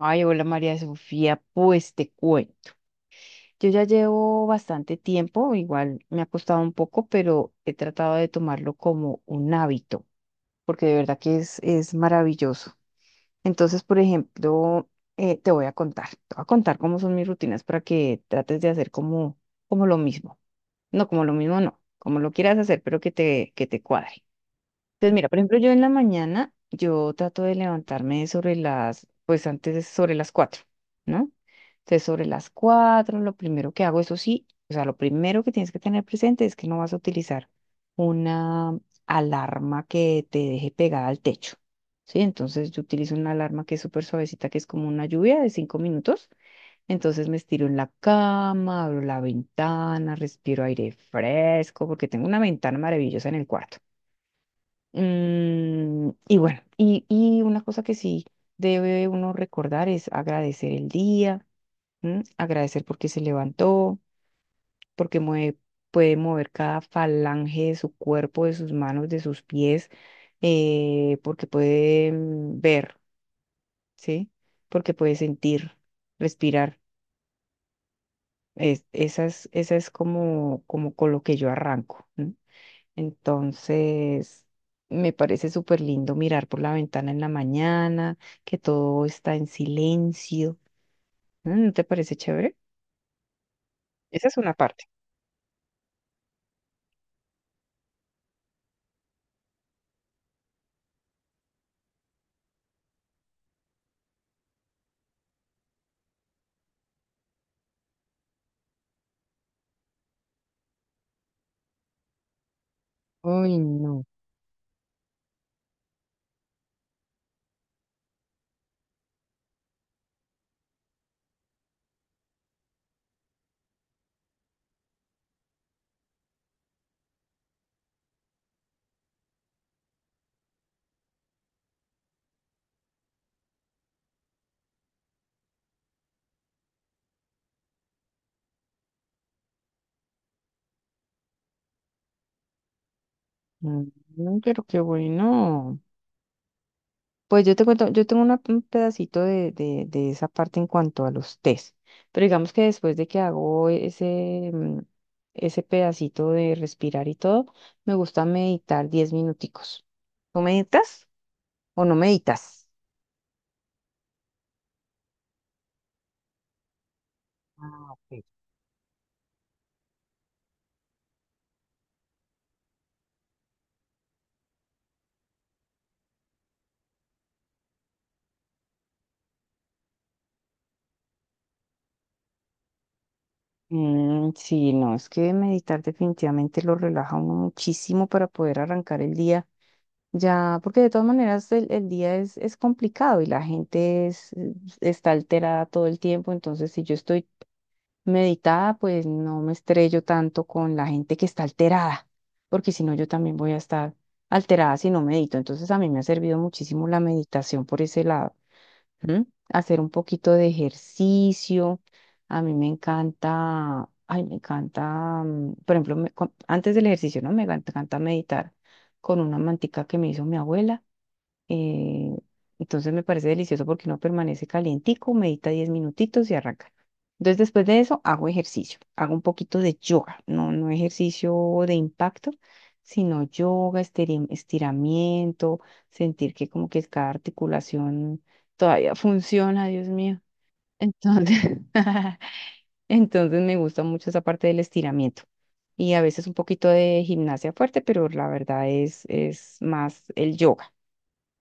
Ay, hola María Sofía, pues te cuento. Yo ya llevo bastante tiempo, igual me ha costado un poco, pero he tratado de tomarlo como un hábito, porque de verdad que es maravilloso. Entonces, por ejemplo, te voy a contar cómo son mis rutinas para que trates de hacer como lo mismo. No, como lo mismo no, como lo quieras hacer, pero que te cuadre. Entonces, mira, por ejemplo, yo en la mañana, yo trato de levantarme sobre las, pues antes de- sobre las 4, ¿no? Entonces, sobre las 4, lo primero que hago, eso sí, o sea, lo primero que tienes que tener presente es que no vas a utilizar una alarma que te deje pegada al techo, ¿sí? Entonces, yo utilizo una alarma que es súper suavecita, que es como una lluvia de 5 minutos. Entonces, me estiro en la cama, abro la ventana, respiro aire fresco, porque tengo una ventana maravillosa en el cuarto. Y bueno, y una cosa que sí debe uno recordar es agradecer el día, ¿m? Agradecer porque se levantó, porque puede mover cada falange de su cuerpo, de sus manos, de sus pies, porque puede ver, ¿sí? Porque puede sentir, respirar. Esa es como con lo que yo arranco. ¿M? Entonces, me parece súper lindo mirar por la ventana en la mañana, que todo está en silencio. ¿No te parece chévere? Esa es una parte. Uy, no. Pero qué bueno. Pues yo te cuento, yo tengo un pedacito de esa parte en cuanto a los test. Pero digamos que después de que hago ese pedacito de respirar y todo, me gusta meditar 10 minuticos. ¿Tú meditas o no meditas? Ah, ok. Sí, no, es que meditar definitivamente lo relaja a uno muchísimo para poder arrancar el día. Ya, porque de todas maneras el día es complicado y la gente está alterada todo el tiempo, entonces si yo estoy meditada, pues no me estrello tanto con la gente que está alterada, porque si no yo también voy a estar alterada si no medito. Entonces a mí me ha servido muchísimo la meditación por ese lado. ¿M? Hacer un poquito de ejercicio. A mí me encanta, ay, me encanta, por ejemplo, antes del ejercicio, ¿no? Me encanta encanta meditar con una mantica que me hizo mi abuela. Eh, entonces me parece delicioso porque no permanece calientico, medita 10 minutitos y arranca. Entonces después de eso hago ejercicio, hago un poquito de yoga, no, no ejercicio de impacto, sino yoga, estiramiento, sentir que como que cada articulación todavía funciona, Dios mío. Entonces, entonces me gusta mucho esa parte del estiramiento y a veces un poquito de gimnasia fuerte, pero la verdad es más el yoga.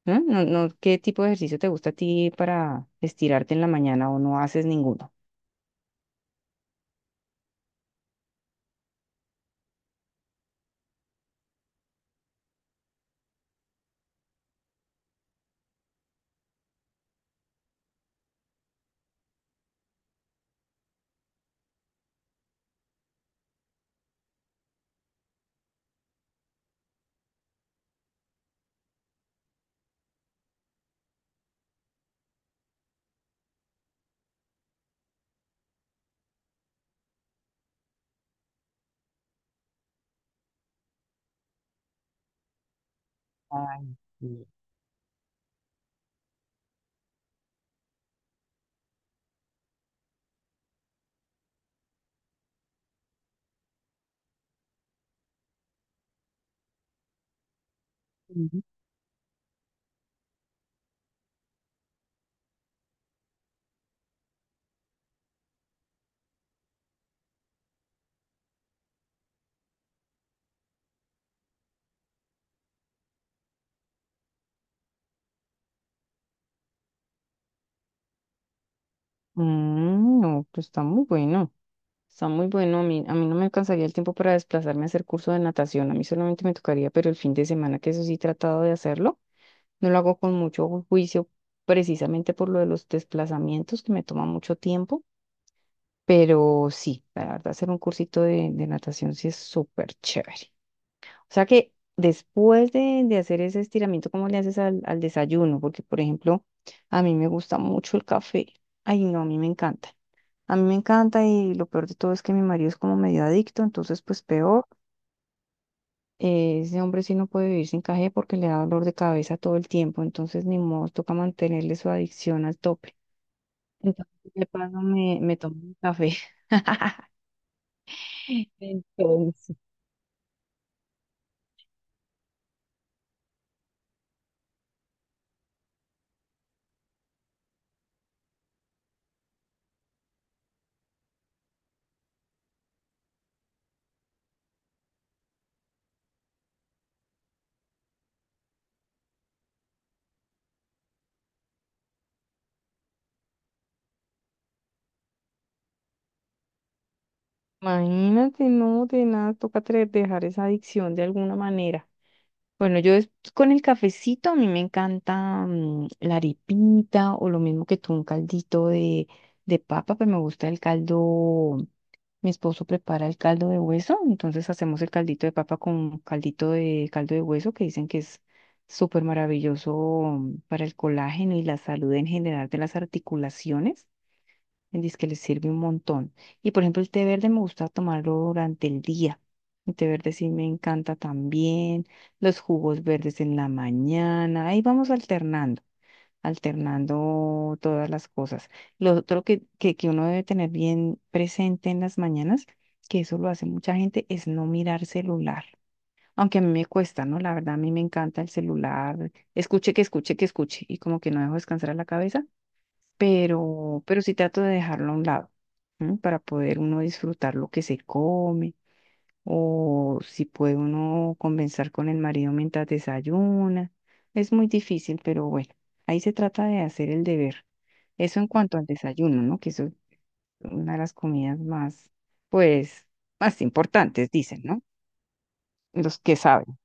¿No? No, no, ¿qué tipo de ejercicio te gusta a ti para estirarte en la mañana o no haces ninguno? Ay, sí. Ujú. No, pues está muy bueno. Está muy bueno. A mí no me alcanzaría el tiempo para desplazarme a hacer curso de natación. A mí solamente me tocaría, pero el fin de semana, que eso sí he tratado de hacerlo, no lo hago con mucho juicio, precisamente por lo de los desplazamientos, que me toma mucho tiempo. Pero sí, la verdad, hacer un cursito de natación sí es súper chévere. O sea que después de hacer ese estiramiento, ¿cómo le haces al desayuno? Porque, por ejemplo, a mí me gusta mucho el café. Ay, no, a mí me encanta. A mí me encanta y lo peor de todo es que mi marido es como medio adicto, entonces pues peor. Ese hombre sí no puede vivir sin café porque le da dolor de cabeza todo el tiempo, entonces ni modo, toca mantenerle su adicción al tope. Entonces, de paso me tomo un café. Entonces, imagínate, no, de nada, toca dejar esa adicción de alguna manera. Bueno, yo es con el cafecito a mí me encanta la arepita o lo mismo que tú, un caldito de papa, pero me gusta el caldo, mi esposo prepara el caldo de hueso, entonces hacemos el caldito de papa con caldito de caldo de hueso que dicen que es súper maravilloso para el colágeno y la salud en general de las articulaciones. Dice que les sirve un montón. Y por ejemplo, el té verde me gusta tomarlo durante el día. El té verde sí me encanta también. Los jugos verdes en la mañana. Ahí vamos alternando, alternando todas las cosas. Lo otro que uno debe tener bien presente en las mañanas, que eso lo hace mucha gente, es no mirar celular. Aunque a mí me cuesta, ¿no? La verdad, a mí me encanta el celular. Escuche, que escuche, que escuche. Y como que no dejo descansar a la cabeza pero sí trato de dejarlo a un lado, ¿m? Para poder uno disfrutar lo que se come, o si puede uno conversar con el marido mientras desayuna. Es muy difícil, pero bueno, ahí se trata de hacer el deber. Eso en cuanto al desayuno, ¿no? Que eso es una de las comidas más, pues, más importantes, dicen, ¿no? Los que saben.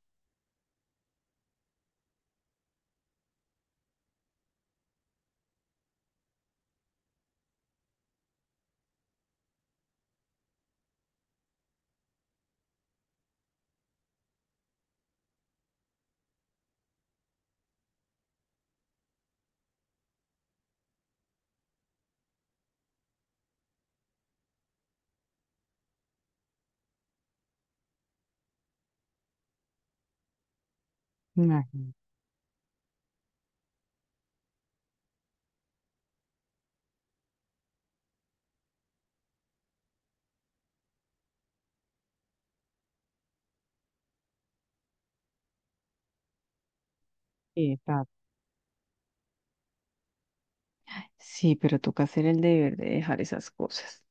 Imagínate. Exacto. Sí, pero toca hacer el deber de dejar esas cosas.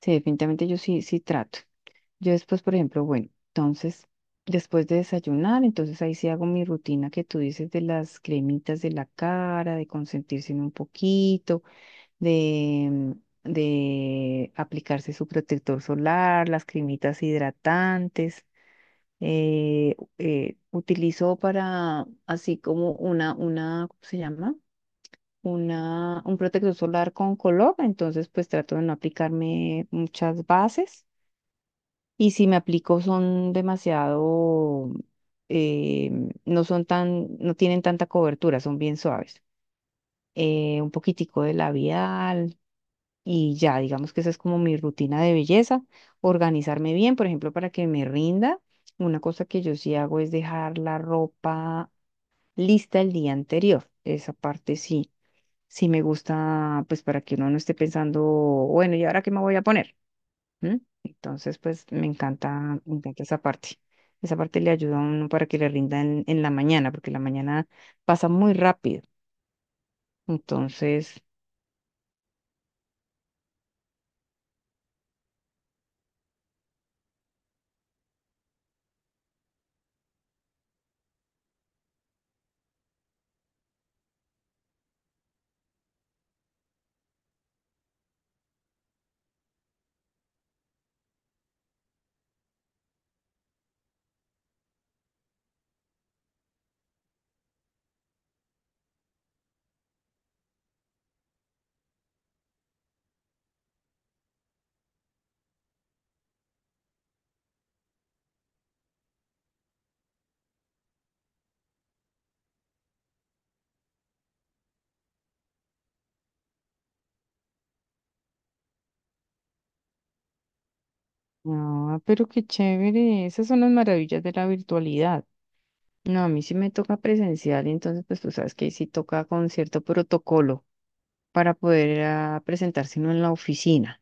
Sí, definitivamente yo sí, sí trato. Yo después, por ejemplo, bueno, entonces, después de desayunar, entonces ahí sí hago mi rutina que tú dices de las cremitas de la cara, de consentirse en un poquito, de, mm, de aplicarse su protector solar, las cremitas hidratantes. Utilizo para, así como una, ¿cómo se llama? Un protector solar con color, entonces pues trato de no aplicarme muchas bases y si me aplico son demasiado, eh, no tienen tanta cobertura, son bien suaves. Un poquitico de labial y ya, digamos que esa es como mi rutina de belleza. Organizarme bien, por ejemplo, para que me rinda. Una cosa que yo sí hago es dejar la ropa lista el día anterior. Esa parte sí, sí me gusta, pues para que uno no esté pensando, bueno, ¿y ahora qué me voy a poner? ¿M? Entonces, pues me encanta esa parte. Esa parte le ayuda a uno para que le rinda en la mañana, porque la mañana pasa muy rápido. Entonces, no, pero qué chévere. Esas son las maravillas de la virtualidad. No, a mí sí me toca presencial, entonces, pues tú sabes que ahí sí toca con cierto protocolo para poder presentarse uno en la oficina.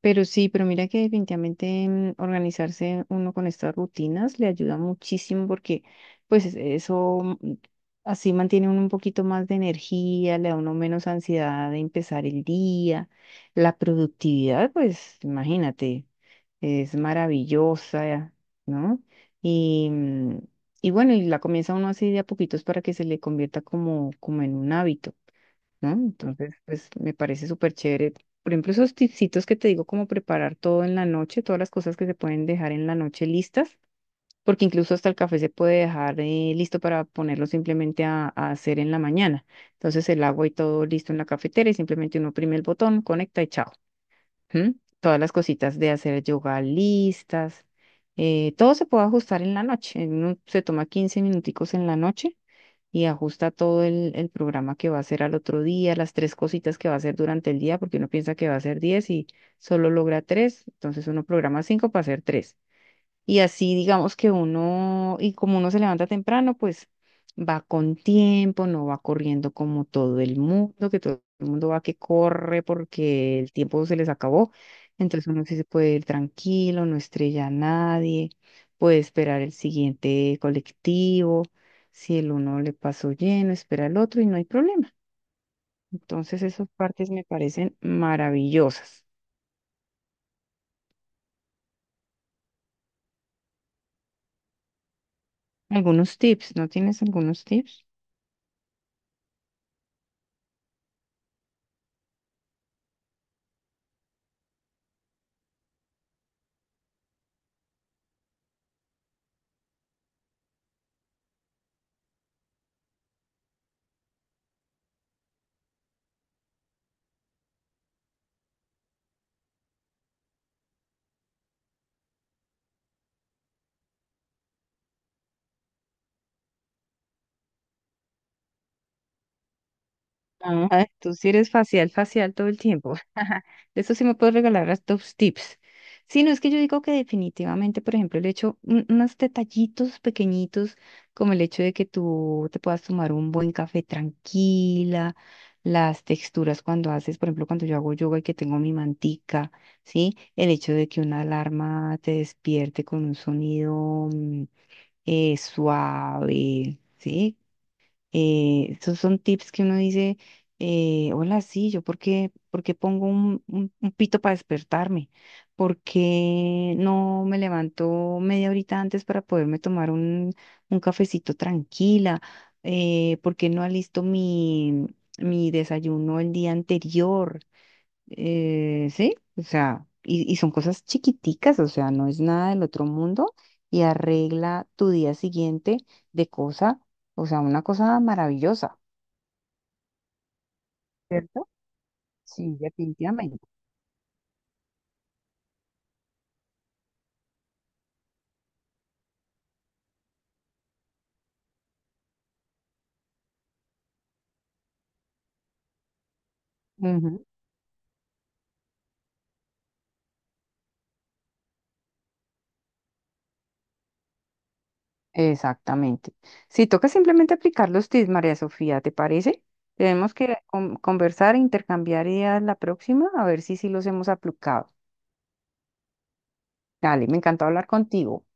Pero sí, pero mira que definitivamente organizarse uno con estas rutinas le ayuda muchísimo porque pues eso así mantiene uno un poquito más de energía, le da uno menos ansiedad de empezar el día. La productividad, pues imagínate, es maravillosa, ¿no? Y, mm, y bueno, y la comienza uno así de a poquitos para que se le convierta como en un hábito. ¿No? Entonces, pues me parece súper chévere. Por ejemplo, esos tipsitos que te digo, como preparar todo en la noche, todas las cosas que se pueden dejar en la noche listas, porque incluso hasta el café se puede dejar listo para ponerlo simplemente a hacer en la mañana. Entonces, el agua y todo listo en la cafetera y simplemente uno oprime el botón, conecta y chao. ¿Mm? Todas las cositas de hacer yoga listas. Todo se puede ajustar en la noche. Se toma 15 minuticos en la noche y ajusta todo el programa que va a hacer al otro día, las tres cositas que va a hacer durante el día, porque uno piensa que va a hacer 10 y solo logra tres, entonces uno programa cinco para hacer tres. Y así digamos que uno, y como uno se levanta temprano, pues va con tiempo, no va corriendo como todo el mundo, que todo el mundo va que corre porque el tiempo se les acabó. Entonces uno sí se puede ir tranquilo, no estrella a nadie, puede esperar el siguiente colectivo. Si el uno le pasó lleno, espera el otro y no hay problema. Entonces esas partes me parecen maravillosas. Algunos tips, ¿no tienes algunos tips? Ah, tú sí eres facial, facial todo el tiempo. De eso sí me puedes regalar las dos tips. Sí, no es que yo digo que definitivamente, por ejemplo, el hecho, unos detallitos pequeñitos, como el hecho de que tú te puedas tomar un buen café tranquila, las texturas cuando haces, por ejemplo, cuando yo hago yoga y que tengo mi mantica, ¿sí? El hecho de que una alarma te despierte con un sonido suave, ¿sí? Estos son tips que uno dice, hola, sí, yo por qué pongo un pito para despertarme, por qué no me levanto media horita antes para poderme tomar un cafecito tranquila, por qué no alisto mi desayuno el día anterior sí, o sea, y son cosas chiquiticas, o sea, no es nada del otro mundo y arregla tu día siguiente de cosa, o sea, una cosa maravillosa, ¿cierto? Sí, definitivamente. Ujú, Exactamente. Si toca simplemente aplicar los tips, María Sofía, ¿te parece? Tenemos que conversar e intercambiar ideas la próxima, a ver si sí los hemos aplicado. Dale, me encantó hablar contigo.